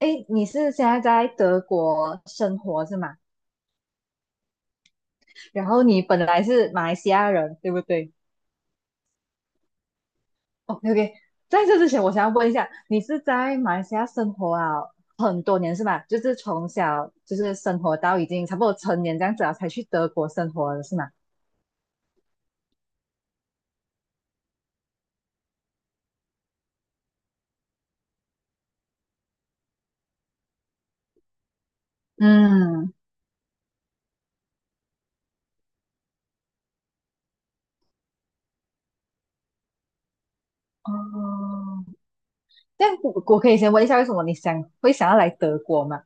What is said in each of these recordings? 诶，你是现在在德国生活是吗？然后你本来是马来西亚人，对不对。哦 OK，在这之前，我想要问一下，你是在马来西亚生活啊很多年是吧？就是从小就是生活到已经差不多成年这样子了，才去德国生活的是吗？嗯。哦，但我可以先问一下，为什么会想要来德国吗？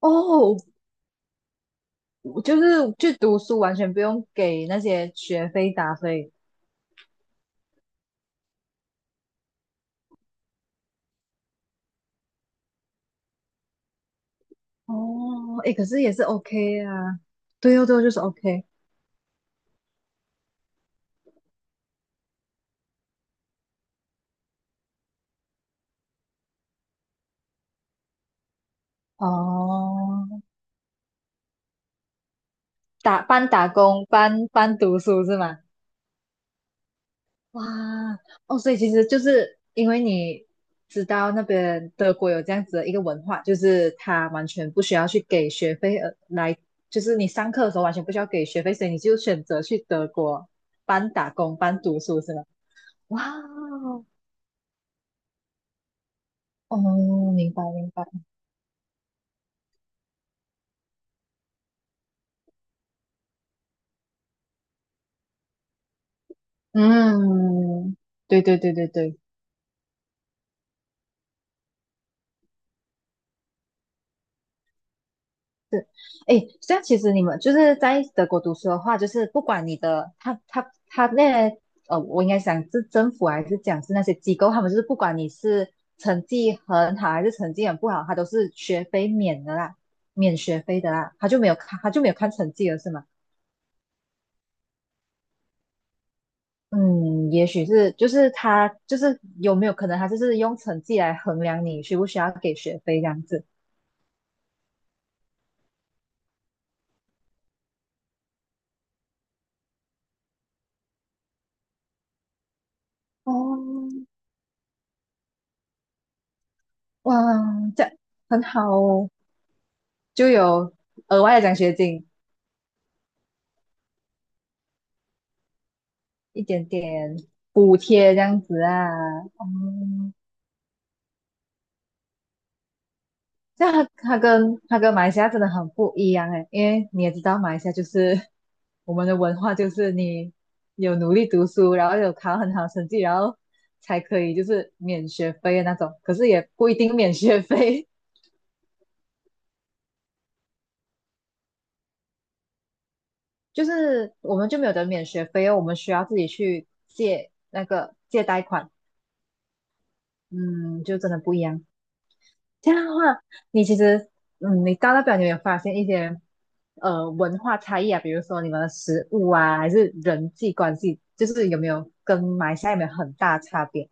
哦，就是去读书完全不用给那些学费打费。哦，哎，可是也是 OK 啊。对哦，对哦，就是 OK。哦，打工，半读书是吗？哇。哦，所以其实就是因为你知道那边德国有这样子的一个文化，就是他完全不需要去给学费而来，就是你上课的时候完全不需要给学费，所以你就选择去德国半打工半读书是吗？哇哦，哦明白明白，嗯，对对对对对。诶，这样其实你们就是在德国读书的话，就是不管你的他那些我应该想是政府还是讲是那些机构，他们就是不管你是成绩很好还是成绩很不好，他都是学费免的啦，免学费的啦，他就没有看成绩了是吗？嗯，也许是就是他就是有没有可能他就是用成绩来衡量你需不需要给学费这样子。哦，哇，这样很好哦，就有额外的奖学金。一点点补贴这样子啊。嗯，这样它跟马来西亚真的很不一样诶，因为你也知道马来西亚就是我们的文化就是你有努力读书，然后有考很好成绩，然后才可以就是免学费的那种，可是也不一定免学费。就是我们就没有得免学费哦，我们需要自己去借那个借贷款。嗯，就真的不一样。这样的话，你其实，嗯，你到那边你有没有发现一些文化差异啊？比如说你们的食物啊，还是人际关系，就是有没有跟马来西亚有没有很大差别？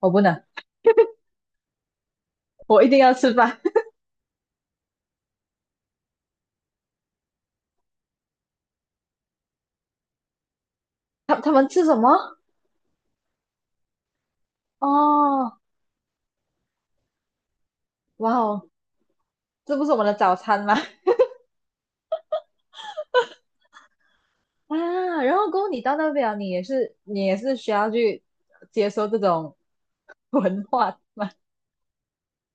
我不能，我一定要吃饭。他们吃什么？哦，哇哦，这不是我们的早餐吗？啊，然后过后你到那边，你也是需要去接受这种 文化嘛，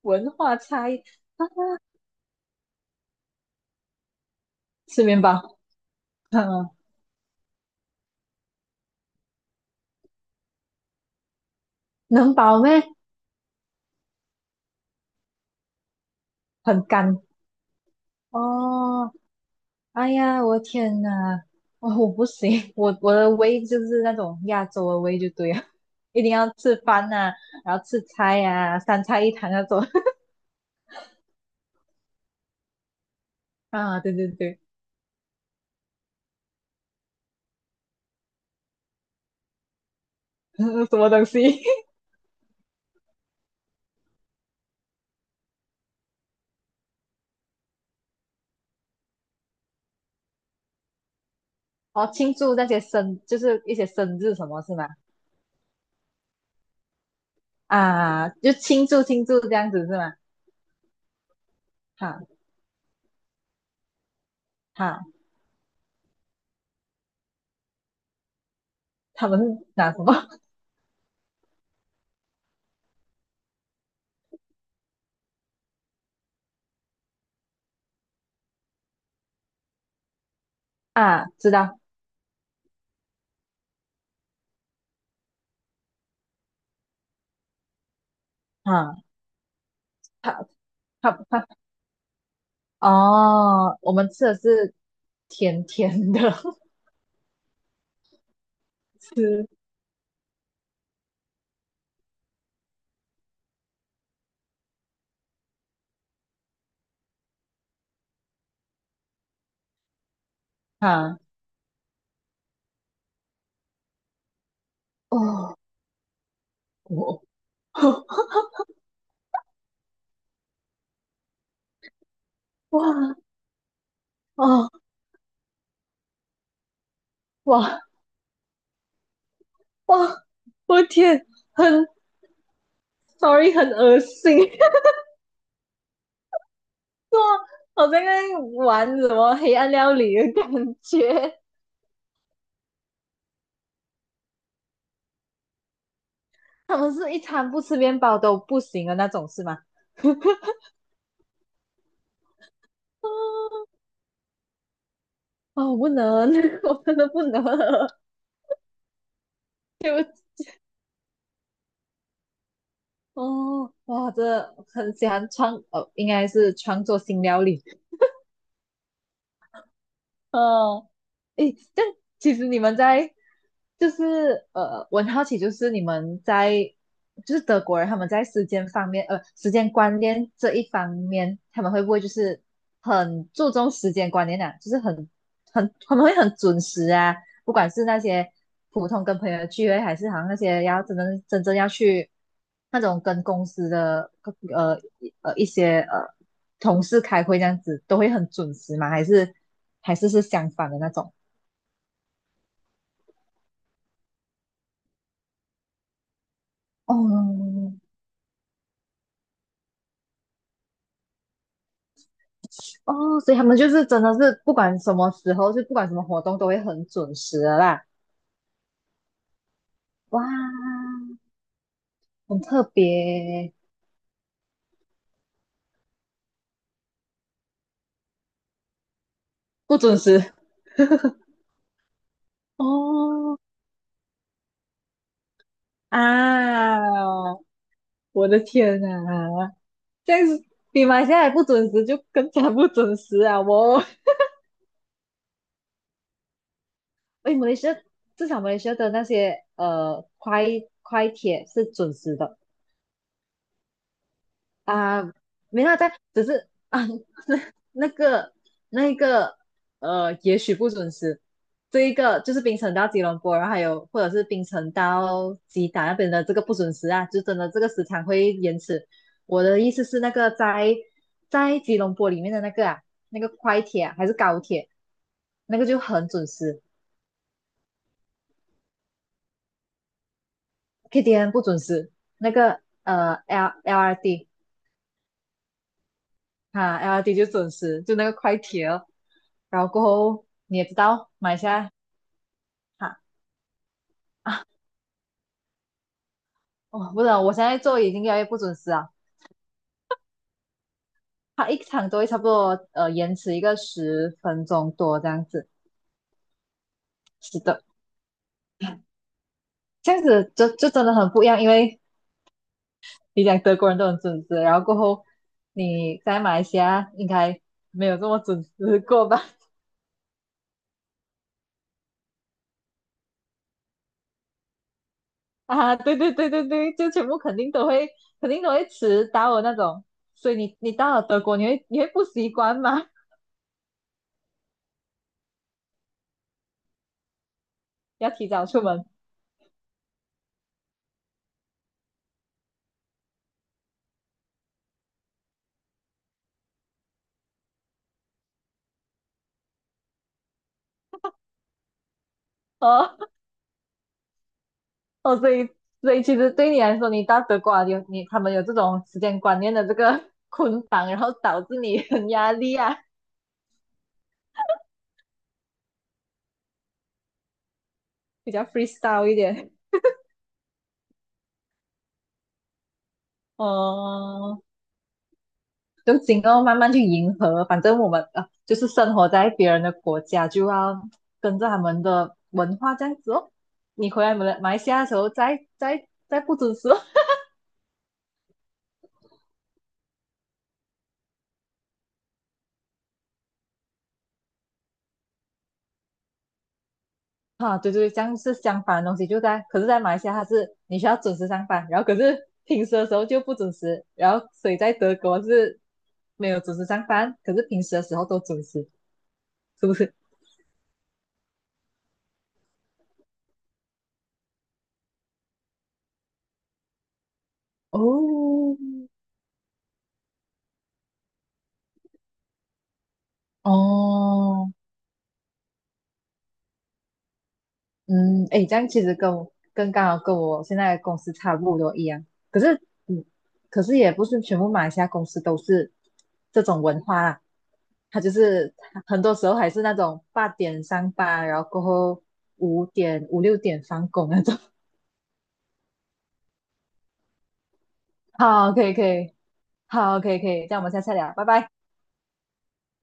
文化差异，吃面包，嗯，能饱咩？很干哦，哎呀，我天呐。哦，我不行，我的胃就是那种亚洲的胃就对了，一定要吃饭呐、然后吃菜呀、三菜一汤那种。 啊，对对对，什么东西？哦，庆祝那些就是一些生日什么是吗？啊，就庆祝庆祝这样子是吗？哈哈，他们是拿什么？ 啊？知道啊，他他哦，我们吃的是甜甜的 吃。啊。哦，我 哇哦哇哇！我天，很 sorry，很恶心，哇，我在那里玩什么黑暗料理的感觉。他们是一餐不吃面包都不行的那种，是吗？哦，我不能，我真的不能。哦，哇，这很喜欢哦，应该是创作新料理。哦。诶，但其实你们在就是我很好奇，就是你们在就是德国人他们在时间方面，时间观念这一方面，他们会不会就是很注重时间观念啊？就是他们会很准时啊？不管是那些普通跟朋友的聚会，还是好像那些要真正要去那种跟公司的呃一些同事开会这样子，都会很准时吗？还是是相反的那种？哦哦，所以他们就是真的是不管什么时候，就不管什么活动都会很准时的啦。哇，很特别，不准时哦啊！我的天啊，这样子比马来西亚还不准时，就更加不准时啊！哎，马来西亚至少马来西亚的那些快铁是准时的。啊，没有在，只是啊，那那个那个也许不准时。这一个就是冰城到吉隆坡，然后还有或者是冰城到吉打那边的这个不准时啊，就真的这个时长会延迟。我的意思是那个在吉隆坡里面的那个啊，那个快铁啊还是高铁，那个就很准时。 KTN 不准时，那个LRD 哈、LRD 就准时，就那个快铁哦。然后过后你也知道，马来西亚哈。啊，我不知道，我现在做已经越来越不准时啊，它一场都会差不多延迟一个10分钟多这样子。是的，这样子就真的很不一样，因为你讲德国人都很准时，然后过后你在马来西亚应该没有这么准时过吧？啊，对对对对对，就全部肯定都会迟到的那种。所以你到了德国，你会不习惯吗？要提早出门哦。哦，所以其实对你来说，你到德国啊他们有这种时间观念的这个 捆绑，然后导致你很压力啊，比较 freestyle 一点。哦，就尽量慢慢去迎合，反正我们啊就是生活在别人的国家，就要跟着他们的文化这样子哦。你回来马来西亚的时候再不准时哦。啊，对对，这样是相反的东西，就在，可是，在马来西亚它是你需要准时上班，然后可是平时的时候就不准时，然后所以在德国是没有准时上班，可是平时的时候都准时，是不是？哦，哦，嗯，哎，这样其实跟我跟刚好跟我现在的公司差不多一样。可是，嗯，可是也不是全部马来西亚公司都是这种文化啦，它就是很多时候还是那种8点上班，然后过后5、6点放工那种。好，可以可以，好，可以可以，这样我们下次再聊，拜拜。